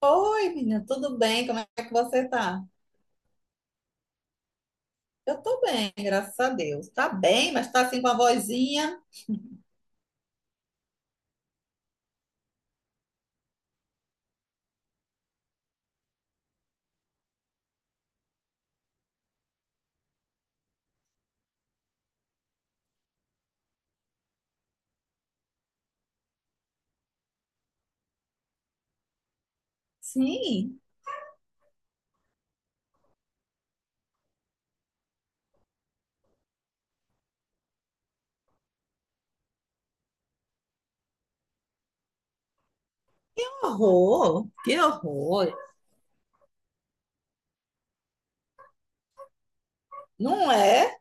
Oi, menina, tudo bem? Como é que você tá? Eu tô bem, graças a Deus. Tá bem, mas tá assim com a vozinha. Sim, que horror, que horror. Não é?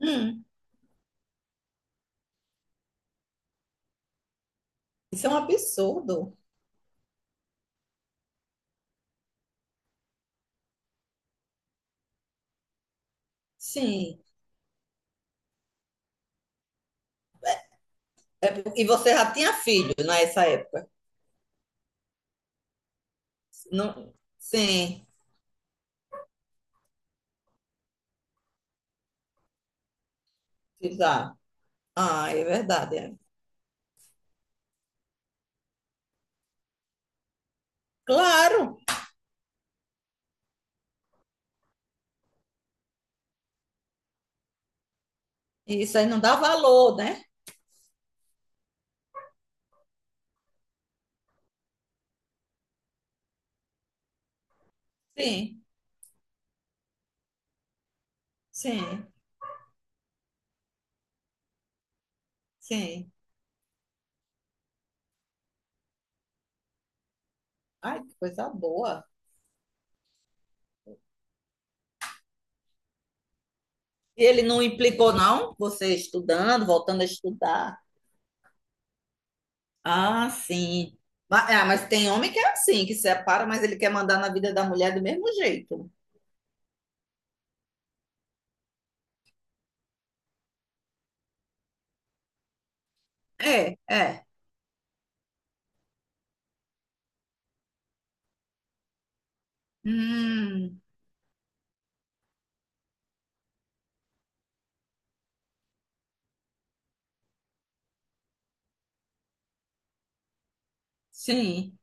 Hum, isso é um absurdo. Sim. E você já tinha filho nessa época? Não, sim, exato. Ah, é verdade. É. Claro, isso aí não dá valor, né? Sim, sim, sim. Ai, que coisa boa. E ele não implicou, não? Você estudando, voltando a estudar. Ah, sim. Mas, ah, mas tem homem que é assim, que separa, mas ele quer mandar na vida da mulher do mesmo jeito. É, é. Hum, sim.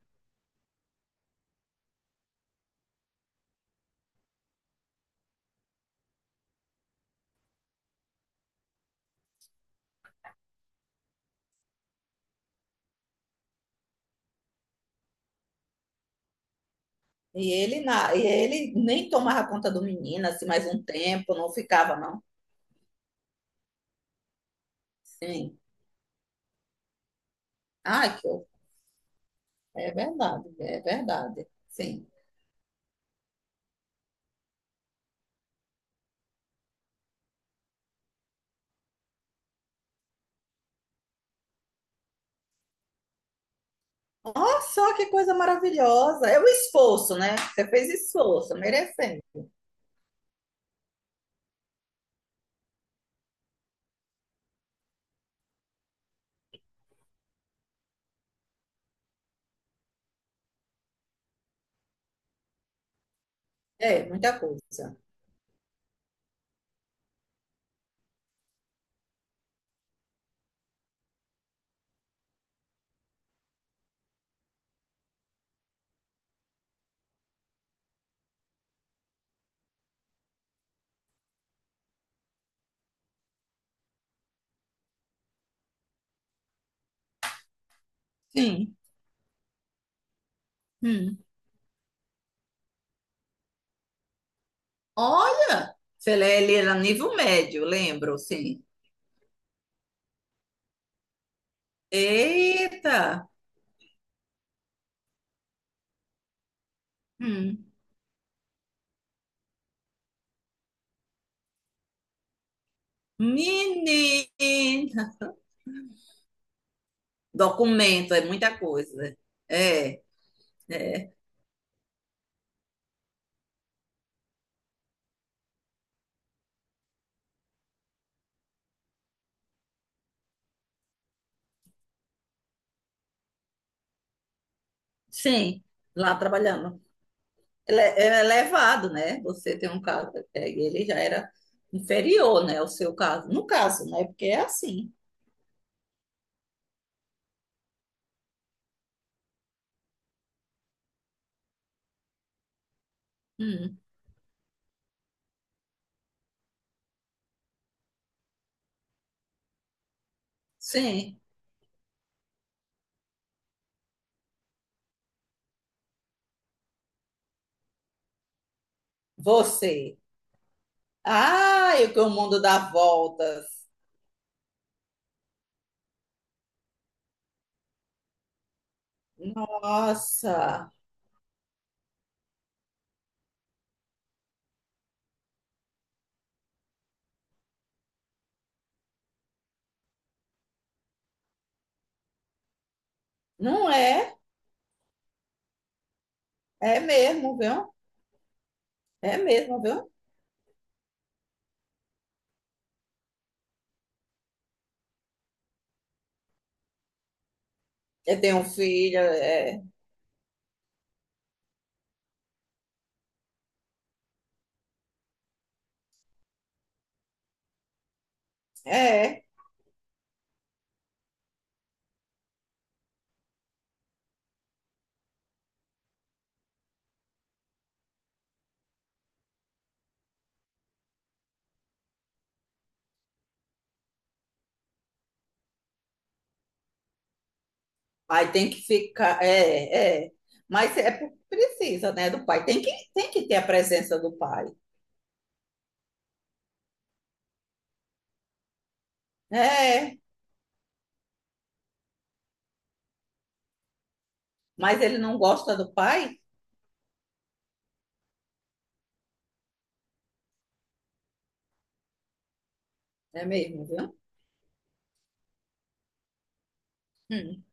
E ele nem tomava conta do menino, assim, mais um tempo, não ficava, não. Sim. Ah, que eu- é verdade, é verdade. Sim. Olha só que coisa maravilhosa. É o esforço, né? Você fez esforço, merecendo. É, muita coisa. Sim. Hum. Olha, se ele era nível médio, lembro, sim. Eita! Hum. Menina! Documento, é muita coisa. É, é. Sim, lá trabalhando. Ele é elevado, né? Você tem um caso, é, e ele já era inferior, né? O seu caso. No caso, né? Porque é assim. Hum, sim, você. Ah, eu que o mundo dá voltas. Nossa, não é? É mesmo, viu? É mesmo, viu? Eu tenho um filho, é. É. Aí tem que ficar. É, é. Precisa, né? Do pai. Tem que ter a presença do pai. É. Mas ele não gosta do pai? É mesmo, viu? Hum.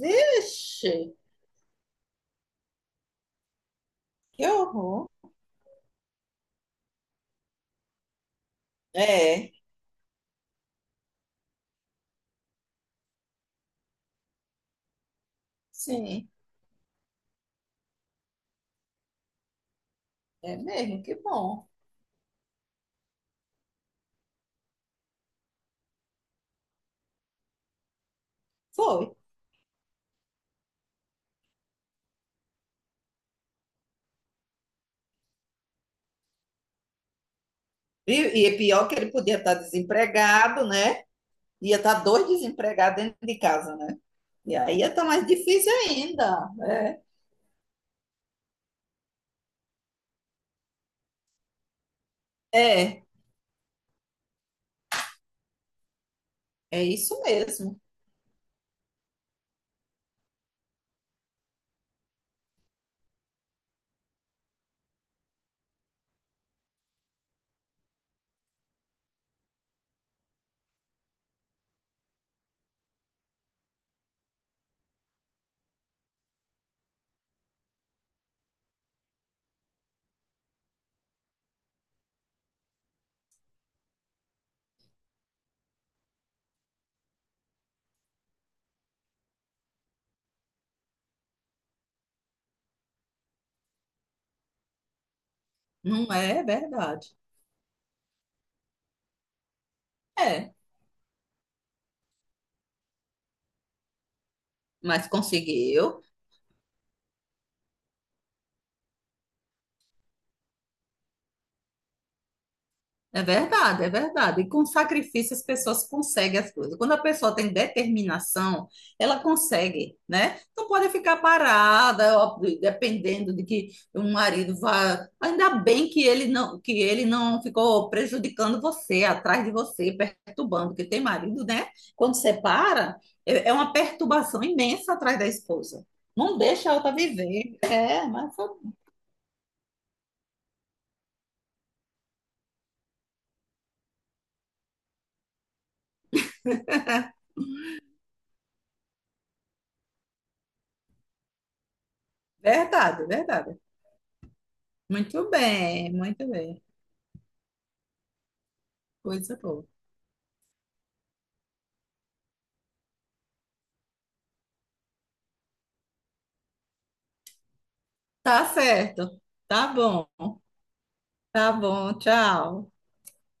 Vixe, que horror. É, sim, é mesmo, que bom. Foi. E, e é pior que ele podia estar desempregado, né? Ia estar dois desempregados dentro de casa, né? E aí ia estar mais difícil ainda. É, é, é isso mesmo. Não é verdade. É, mas conseguiu. É verdade, é verdade. E com sacrifício as pessoas conseguem as coisas. Quando a pessoa tem determinação, ela consegue, né? Não pode ficar parada, ó, dependendo de que o marido vá. Ainda bem que ele não ficou prejudicando você, atrás de você, perturbando, porque tem marido, né? Quando separa, é uma perturbação imensa atrás da esposa. Não deixa ela viver. É, mas foi verdade, é verdade. Muito bem, muito bem. Coisa boa. Tá certo. Tá bom. Tá bom. Tchau.